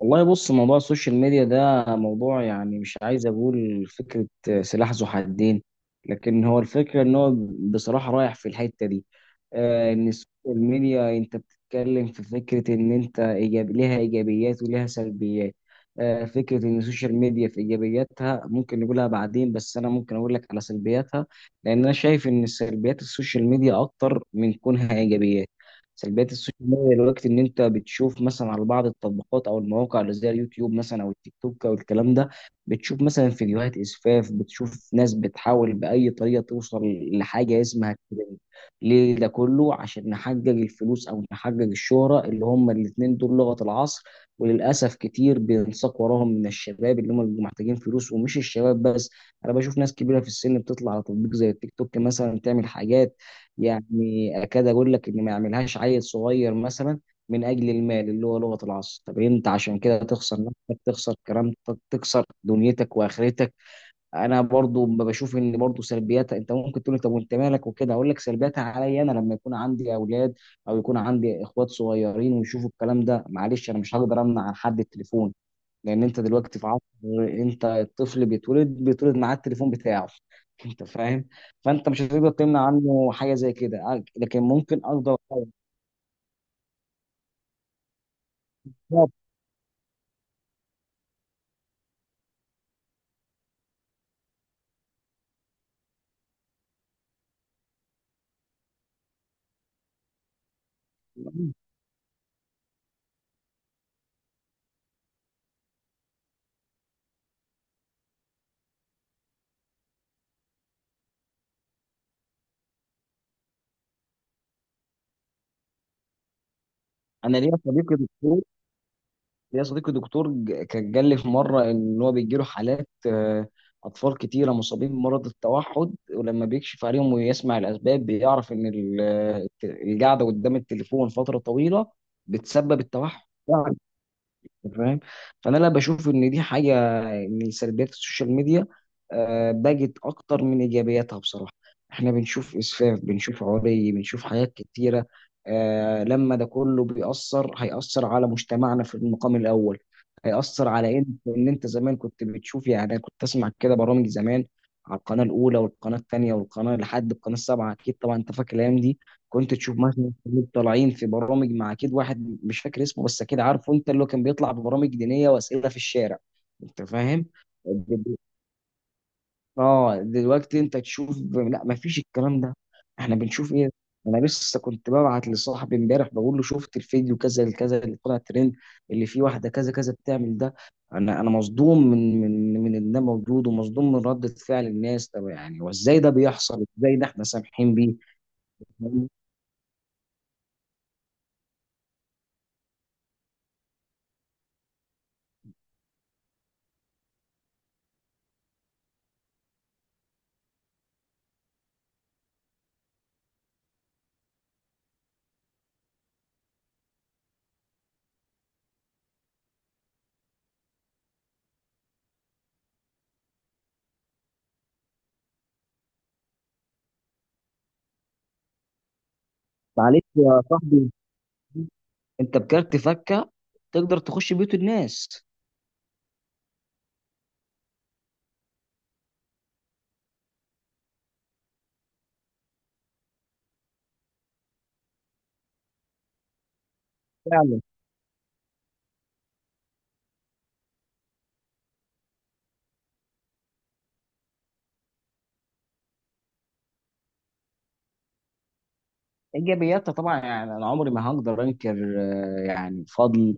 والله بص، موضوع السوشيال ميديا ده موضوع مش عايز اقول فكرة سلاح ذو حدين. لكن هو الفكرة ان هو بصراحة رايح في الحتة دي. ان السوشيال ميديا، انت بتتكلم في فكرة ان انت إيجاب ليها ايجابيات وليها سلبيات. فكرة ان السوشيال ميديا، في ايجابياتها ممكن نقولها بعدين، بس انا ممكن اقول لك على سلبياتها، لان انا شايف ان سلبيات السوشيال ميديا اكتر من كونها ايجابيات. سلبيات السوشيال ميديا دلوقتي ان انت بتشوف مثلا على بعض التطبيقات او المواقع اللي زي اليوتيوب مثلا او التيك توك او الكلام ده، بتشوف مثلا فيديوهات اسفاف، بتشوف ناس بتحاول باي طريقه توصل لحاجه اسمها الترند. ليه ده كله؟ عشان نحقق الفلوس او نحقق الشهره، اللي هم الاتنين دول لغه العصر. وللاسف كتير بينساق وراهم من الشباب اللي هم بيبقوا محتاجين فلوس، ومش الشباب بس، انا بشوف ناس كبيره في السن بتطلع على تطبيق زي التيك توك مثلا تعمل حاجات اكاد اقول لك ان ما يعملهاش عيل صغير مثلا، من اجل المال اللي هو لغه العصر. طب انت عشان كده تخسر نفسك، تخسر كرامتك، تخسر دنيتك واخرتك. انا برضو بشوف ان برضو سلبياتها، انت ممكن تقول لي طب وانت مالك؟ وكده. اقول لك سلبياتها عليا انا لما يكون عندي اولاد او يكون عندي اخوات صغيرين ويشوفوا الكلام ده. معلش، انا مش هقدر امنع عن حد التليفون، لان انت دلوقتي في عصر، انت الطفل بيتولد، بيتولد معاه التليفون بتاعه. انت فاهم؟ فانت مش هتقدر تمنع عنه حاجه زي كده، لكن ممكن اقدر. انا ليا صديقي، ليا صديقي دكتور كان قال لي في مره ان هو بيجي له حالات، اطفال كتيره مصابين بمرض التوحد، ولما بيكشف عليهم ويسمع الاسباب بيعرف ان القعده قدام التليفون فتره طويله بتسبب التوحد. أنت فاهم؟ فانا لا، بشوف ان دي حاجه من سلبيات السوشيال ميديا. بقت اكتر من ايجابياتها بصراحه. احنا بنشوف اسفاف، بنشوف عري، بنشوف حاجات كتيره. لما ده كله بيأثر، هيأثر على مجتمعنا في المقام الاول. هيأثر على ان انت زمان كنت بتشوف، أنا كنت اسمع كده برامج زمان على القناه الاولى والقناه الثانيه والقناه، لحد القناه السابعه، اكيد طبعا انت فاكر الايام دي. كنت تشوف مثلا الشباب طالعين في برامج مع، اكيد واحد مش فاكر اسمه بس اكيد عارفه انت، اللي هو كان بيطلع ببرامج دينيه واسئله في الشارع. انت فاهم؟ دل- اه دلوقتي انت تشوف لا، ما فيش الكلام ده. احنا بنشوف ايه؟ انا لسه كنت ببعت لصاحبي امبارح بقول له شفت الفيديو كذا الكذا اللي طلع ترند، اللي فيه واحده كذا كذا بتعمل ده. انا مصدوم من ان ده موجود، ومصدوم من رده فعل الناس. طب يعني وازاي ده بيحصل؟ ازاي ده احنا سامحين بيه؟ معلش يا صاحبي، انت بكارت فكه تقدر تخش بيوت الناس. فعلا. ايجابياتها طبعا، انا عمري ما هقدر انكر، يعني فضل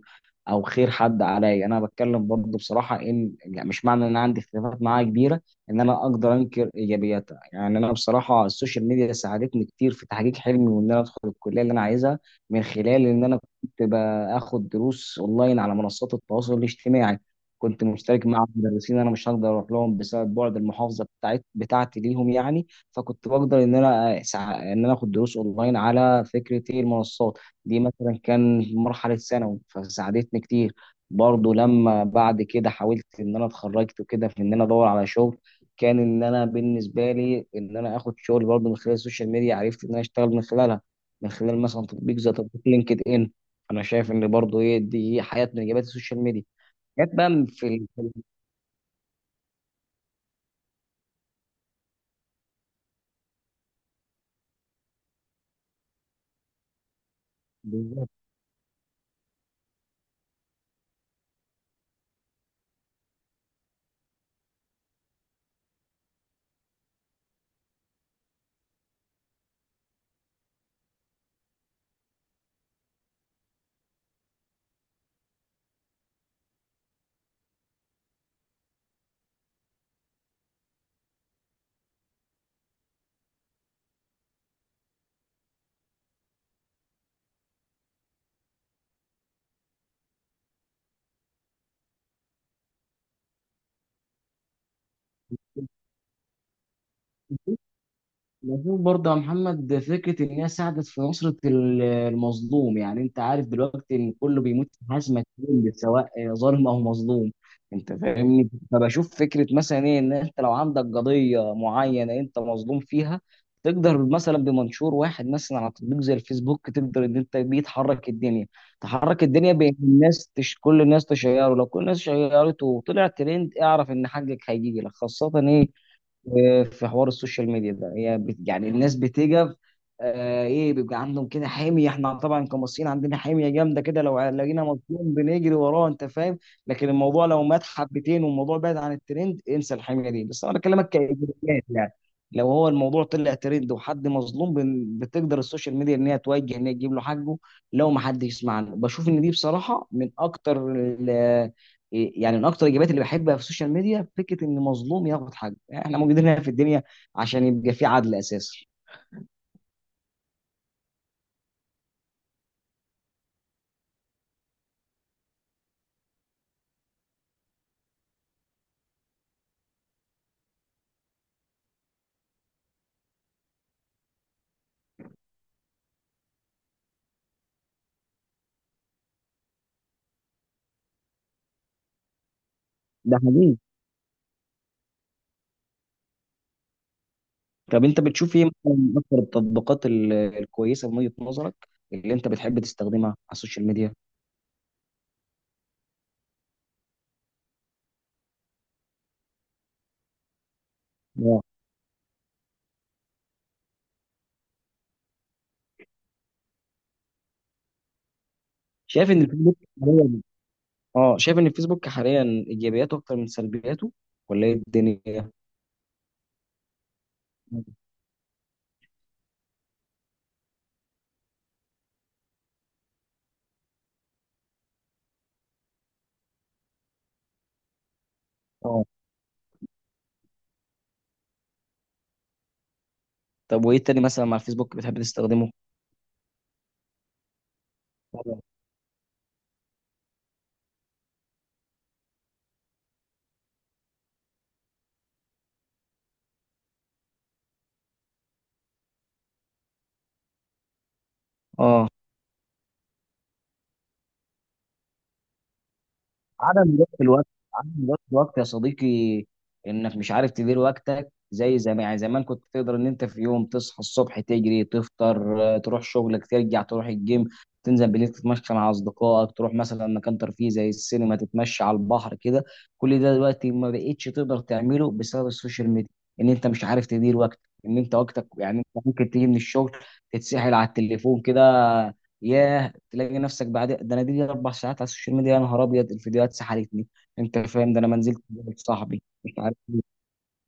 او خير حد عليا. انا بتكلم برضه بصراحه ان، يعني مش معنى ان انا عندي اختلافات معاه كبيره ان انا اقدر انكر ايجابياتها. يعني انا بصراحه السوشيال ميديا ساعدتني كتير في تحقيق حلمي وان انا ادخل الكليه اللي انا عايزها، من خلال ان انا كنت باخد دروس اونلاين على منصات التواصل الاجتماعي. كنت مشترك مع مدرسين انا مش هقدر اروح لهم بسبب بعد المحافظه بتاعتي ليهم يعني. فكنت بقدر ان انا ان انا اخد دروس اونلاين على فكره، ايه المنصات دي، مثلا كان مرحله ثانوي، فساعدتني كتير. برضو لما بعد كده حاولت ان انا اتخرجت وكده في ان انا ادور على شغل، كان ان انا بالنسبه لي ان انا اخد شغل برضو من خلال السوشيال ميديا، عرفت ان انا اشتغل من خلالها، من خلال مثلا تطبيق زي تطبيق لينكد ان. انا شايف ان برضو ايه، دي حياه من اجابات السوشيال ميديا. جت بقى في ال- بالظبط. بشوف برضه يا محمد فكرة إن هي ساعدت في نصرة المظلوم. يعني أنت عارف دلوقتي إن كله بيموت في حزمة، كل سواء ظالم أو مظلوم. أنت فاهمني؟ فبشوف فكرة مثلا إيه، إن أنت لو عندك قضية معينة أنت مظلوم فيها، تقدر مثلا بمنشور واحد مثلا على تطبيق زي الفيسبوك تقدر إن أنت بيه تحرك الدنيا. تحرك الدنيا بين الناس، كل الناس تشيره، لو كل الناس شيرته وطلع ترند، اعرف إن حقك هيجي لك، خاصة إيه في حوار السوشيال ميديا ده. هي يعني الناس بتجف، ايه بيبقى عندهم كده حميه. احنا طبعا كمصريين عندنا حميه جامده كده، لو لقينا مظلوم بنجري وراه، انت فاهم؟ لكن الموضوع لو مات حبتين والموضوع بعد عن الترند، انسى الحميه دي. بس انا بكلمك كايجابيات يعني، لو هو الموضوع طلع ترند وحد مظلوم، بتقدر السوشيال ميديا ان هي توجه، ان هي تجيب له حقه لو ما حدش يسمع له. بشوف ان دي بصراحه من اكتر إيه، يعني من اكتر الاجابات اللي بحبها في السوشيال ميديا، فكره ان مظلوم ياخد حقه. يعني احنا موجودين هنا في الدنيا عشان يبقى في عدل اساسا. ده حقيقي. طب انت بتشوف ايه مثلاً من اكتر التطبيقات الكويسه من وجهه نظرك اللي انت بتحب تستخدمها على السوشيال ميديا؟ آه. شايف ان الفيسبوك حاليا، اه شايف ان الفيسبوك حاليا ايجابياته اكتر من سلبياته، ولا ايه الدنيا؟ اه. طب وايه تاني مثلا مع الفيسبوك بتحب تستخدمه؟ اه. عدم ضبط الوقت، عدم ضبط الوقت يا صديقي، انك مش عارف تدير وقتك زي زمان. يعني زمان كنت تقدر ان انت في يوم تصحى الصبح تجري تفطر، تروح شغلك، ترجع تروح الجيم، تنزل بالليل تتمشى مع اصدقائك، تروح مثلا مكان ترفيه زي السينما، تتمشى على البحر كده. كل ده دلوقتي ما بقتش تقدر تعمله بسبب السوشيال ميديا، ان انت مش عارف تدير وقتك. ان انت وقتك، يعني انت ممكن تيجي من الشغل تتسحل على التليفون كده، ياه، تلاقي نفسك بعد ده، انا دي 4 ساعات على السوشيال ميديا، يا نهار ابيض الفيديوهات سحلتني. انت فاهم؟ ده انا ما نزلت بقابل صاحبي مش عارف إيه.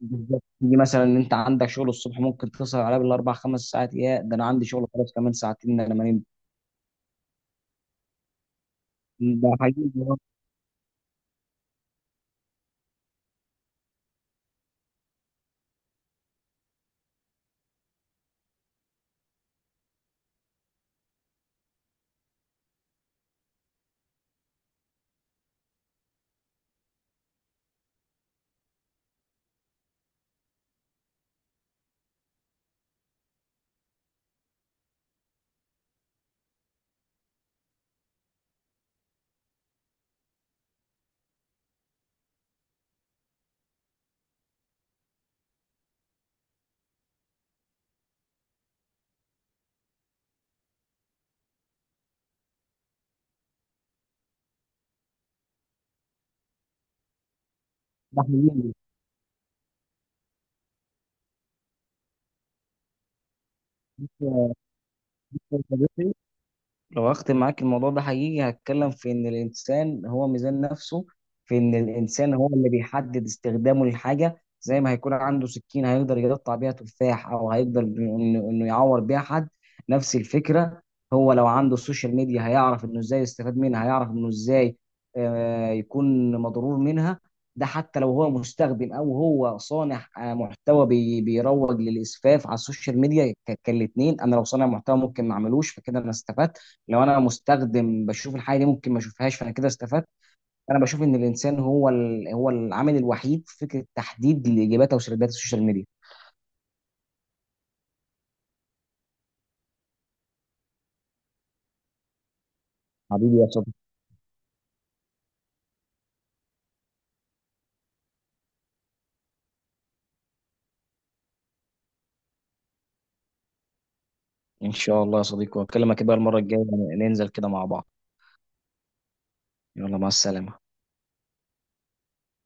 بالظبط، تيجي مثلا ان انت عندك شغل الصبح ممكن تسهر عليه بال4 5 ساعات، يا ده انا عندي شغل خلاص كمان ساعتين انا ما نمت. ده حقيقي. ده حقيقي. لو اختم معاك الموضوع ده، حقيقي هتكلم في ان الانسان هو ميزان نفسه، في ان الانسان هو اللي بيحدد استخدامه للحاجه. زي ما هيكون عنده سكين، هيقدر يقطع بيها تفاح او هيقدر انه يعور بيها حد. نفس الفكره، هو لو عنده السوشيال ميديا هيعرف انه ازاي يستفاد منها، هيعرف انه ازاي يكون مضرور منها. ده حتى لو هو مستخدم او هو صانع محتوى بيروج للاسفاف على السوشيال ميديا، كالاتنين، انا لو صانع محتوى ممكن ما اعملوش فكده انا استفدت، لو انا مستخدم بشوف الحاجه دي ممكن ما اشوفهاش فانا كده استفدت. انا بشوف ان الانسان هو هو العامل الوحيد في فكره تحديد لاجاباتها وسردات السوشيال ميديا. حبيبي يا صديقي. ان شاء الله يا صديقي، واكلمك بقى المره الجايه، ننزل كده مع بعض. يلا مع السلامه.